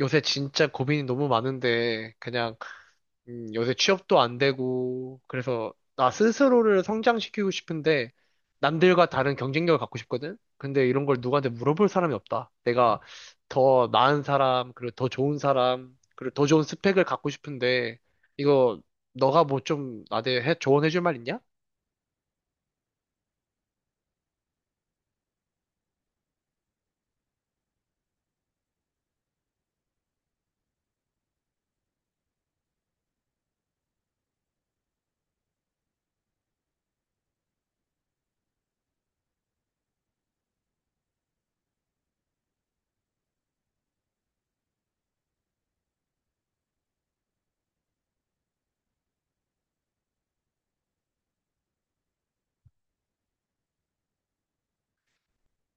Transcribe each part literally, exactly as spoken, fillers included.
요새 진짜 고민이 너무 많은데, 그냥, 음, 요새 취업도 안 되고, 그래서 나 스스로를 성장시키고 싶은데, 남들과 다른 경쟁력을 갖고 싶거든? 근데 이런 걸 누구한테 물어볼 사람이 없다. 내가 더 나은 사람, 그리고 더 좋은 사람, 그리고 더 좋은 스펙을 갖고 싶은데, 이거, 너가 뭐 좀 나한테 해- 조언해줄 말 있냐?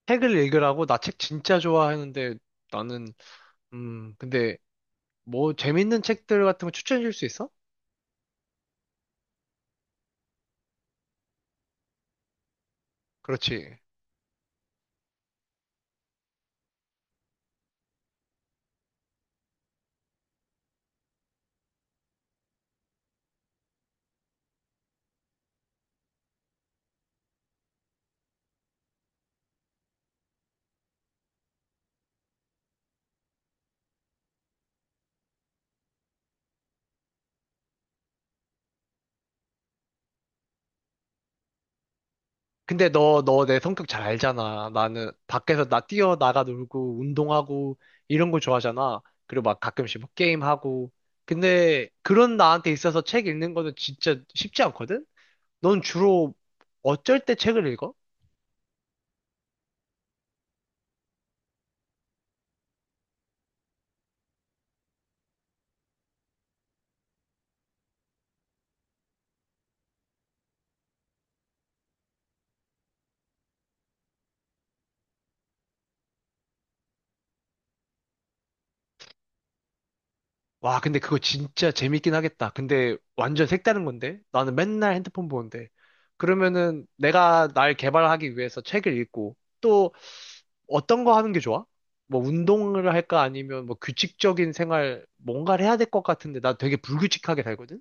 책을 읽으라고, 나 책 진짜 좋아하는데, 나는, 음, 근데, 뭐, 재밌는 책들 같은 거 추천해줄 수 있어? 그렇지. 근데 너, 너 내 성격 잘 알잖아. 나는 밖에서 나 뛰어나가 놀고, 운동하고, 이런 거 좋아하잖아. 그리고 막 가끔씩 막 게임하고. 근데 그런 나한테 있어서 책 읽는 거는 진짜 쉽지 않거든? 넌 주로 어쩔 때 책을 읽어? 와, 근데 그거 진짜 재밌긴 하겠다. 근데 완전 색다른 건데? 나는 맨날 핸드폰 보는데. 그러면은 내가 날 개발하기 위해서 책을 읽고 또 어떤 거 하는 게 좋아? 뭐 운동을 할까? 아니면 뭐 규칙적인 생활, 뭔가를 해야 될 것 같은데 나 되게 불규칙하게 살거든?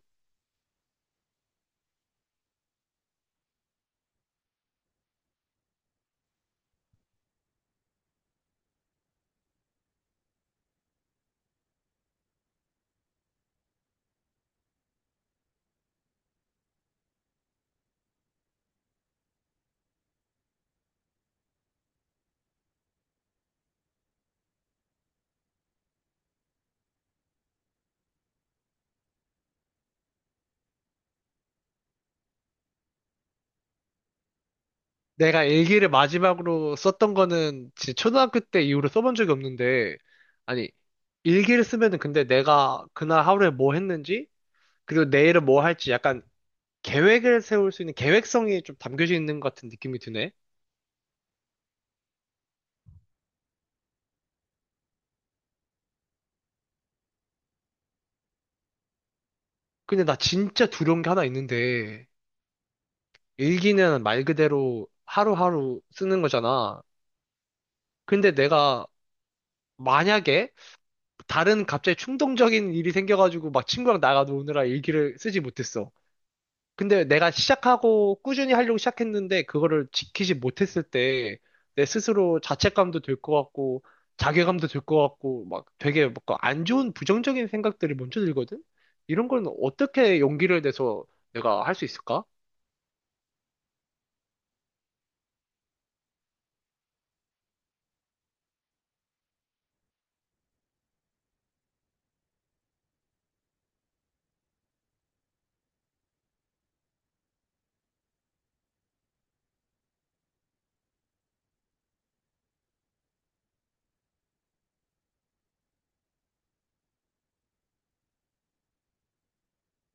내가 일기를 마지막으로 썼던 거는 진짜 초등학교 때 이후로 써본 적이 없는데, 아니, 일기를 쓰면은 근데 내가 그날 하루에 뭐 했는지, 그리고 내일은 뭐 할지 약간 계획을 세울 수 있는 계획성이 좀 담겨져 있는 것 같은 느낌이 드네. 근데 나 진짜 두려운 게 하나 있는데, 일기는 말 그대로 하루하루 쓰는 거잖아. 근데 내가 만약에 다른 갑자기 충동적인 일이 생겨가지고 막 친구랑 나가 노느라 일기를 쓰지 못했어. 근데 내가 시작하고 꾸준히 하려고 시작했는데 그거를 지키지 못했을 때 내 스스로 자책감도 들 것 같고 자괴감도 들 것 같고 막 되게 막안 좋은 부정적인 생각들이 먼저 들거든? 이런 건 어떻게 용기를 내서 내가 할 수 있을까?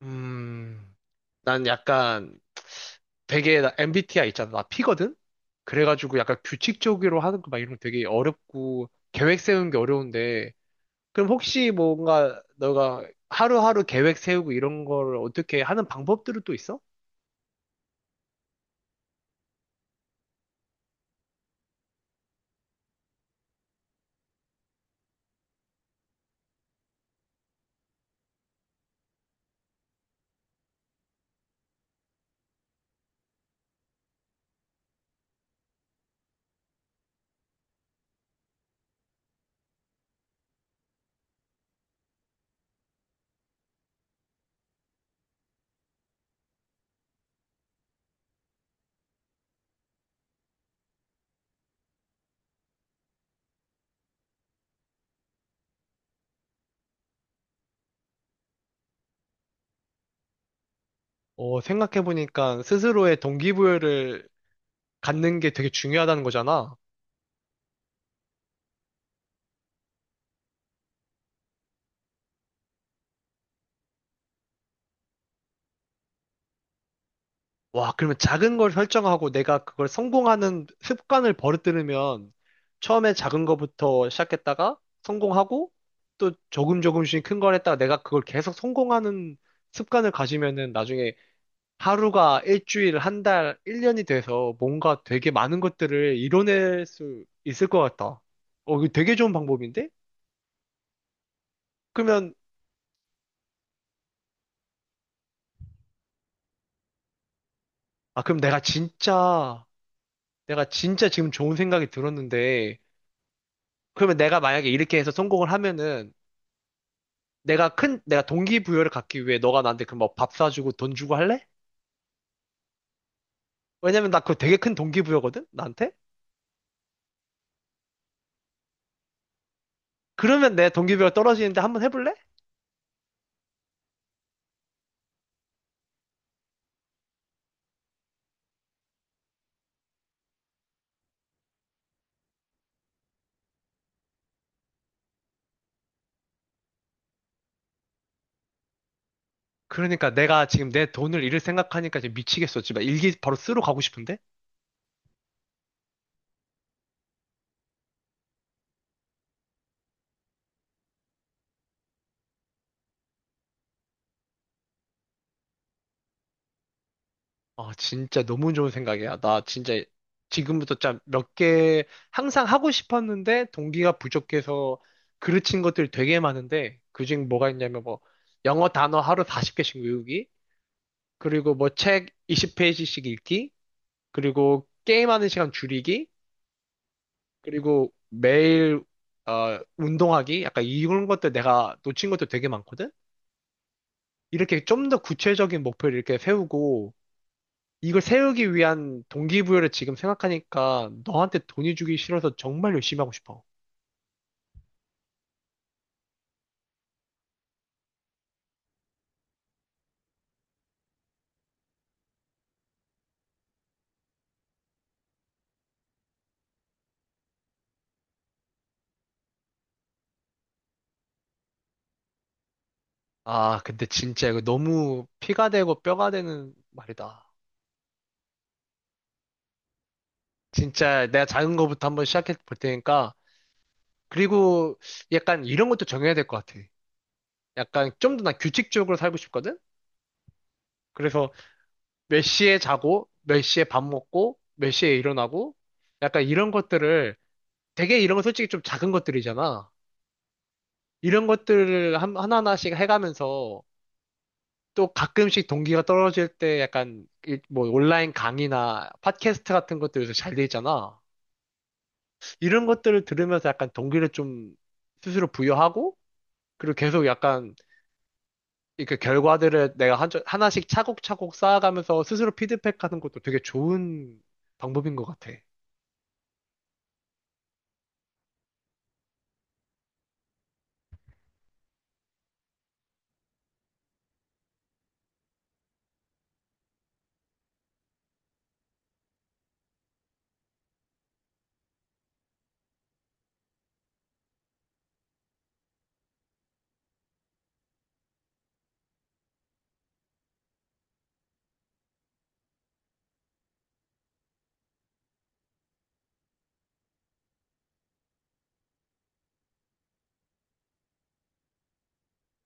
음, 난 약간 되게 나 엠비티아이 있잖아. 나 P거든? 그래가지고 약간 규칙적으로 하는 거 막 이런 거 되게 어렵고 계획 세우는 게 어려운데 그럼 혹시 뭔가 너가 하루하루 계획 세우고 이런 거를 어떻게 하는 방법들은 또 있어? 어, 생각해보니까 스스로의 동기부여를 갖는 게 되게 중요하다는 거잖아. 와, 그러면 작은 걸 설정하고 내가 그걸 성공하는 습관을 버릇들으면 처음에 작은 거부터 시작했다가 성공하고 또 조금 조금씩 큰 걸 했다가 내가 그걸 계속 성공하는 습관을 가지면은 나중에 하루가 일주일, 한 달, 일 년이 돼서 뭔가 되게 많은 것들을 이뤄낼 수 있을 것 같다. 어, 이거 되게 좋은 방법인데? 그러면, 아, 그럼 내가 진짜, 내가 진짜 지금 좋은 생각이 들었는데, 그러면 내가 만약에 이렇게 해서 성공을 하면은, 내가 큰, 내가 동기부여를 갖기 위해 너가 나한테 그럼 뭐밥 사주고 돈 주고 할래? 왜냐면 나 그거 되게 큰 동기부여거든? 나한테? 그러면 내 동기부여가 떨어지는데 한번 해볼래? 그러니까 내가 지금 내 돈을 잃을 생각하니까 지금 미치겠어. 지금 막 일기 바로 쓰러 가고 싶은데? 아, 진짜 너무 좋은 생각이야. 나 진짜 지금부터 짠 몇 개 항상 하고 싶었는데 동기가 부족해서 그르친 것들 되게 많은데 그중에 뭐가 있냐면 뭐 영어 단어 하루 사십 개씩 외우기, 그리고 뭐 책 이십 페이지씩 읽기, 그리고 게임하는 시간 줄이기, 그리고 매일 어, 운동하기, 약간 이런 것들 내가 놓친 것도 되게 많거든? 이렇게 좀 더 구체적인 목표를 이렇게 세우고 이걸 세우기 위한 동기부여를 지금 생각하니까 너한테 돈이 주기 싫어서 정말 열심히 하고 싶어. 아, 근데 진짜 이거 너무 피가 되고 뼈가 되는 말이다. 진짜 내가 작은 거부터 한번 시작해 볼 테니까. 그리고 약간 이런 것도 정해야 될 것 같아. 약간 좀 더 난 규칙적으로 살고 싶거든? 그래서 몇 시에 자고, 몇 시에 밥 먹고, 몇 시에 일어나고, 약간 이런 것들을 되게 이런 건 솔직히 좀 작은 것들이잖아. 이런 것들을 한- 하나하나씩 해가면서 또 가끔씩 동기가 떨어질 때 약간 이- 뭐 온라인 강의나 팟캐스트 같은 것들 요새 잘 돼 있잖아. 이런 것들을 들으면서 약간 동기를 좀 스스로 부여하고 그리고 계속 약간 이렇게 결과들을 내가 한, 하나씩 차곡차곡 쌓아가면서 스스로 피드백하는 것도 되게 좋은 방법인 것 같아.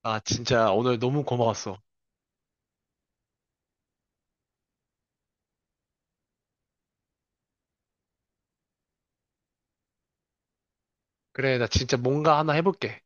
아, 진짜 오늘 너무 고마웠어. 그래, 나 진짜 뭔가 하나 해볼게.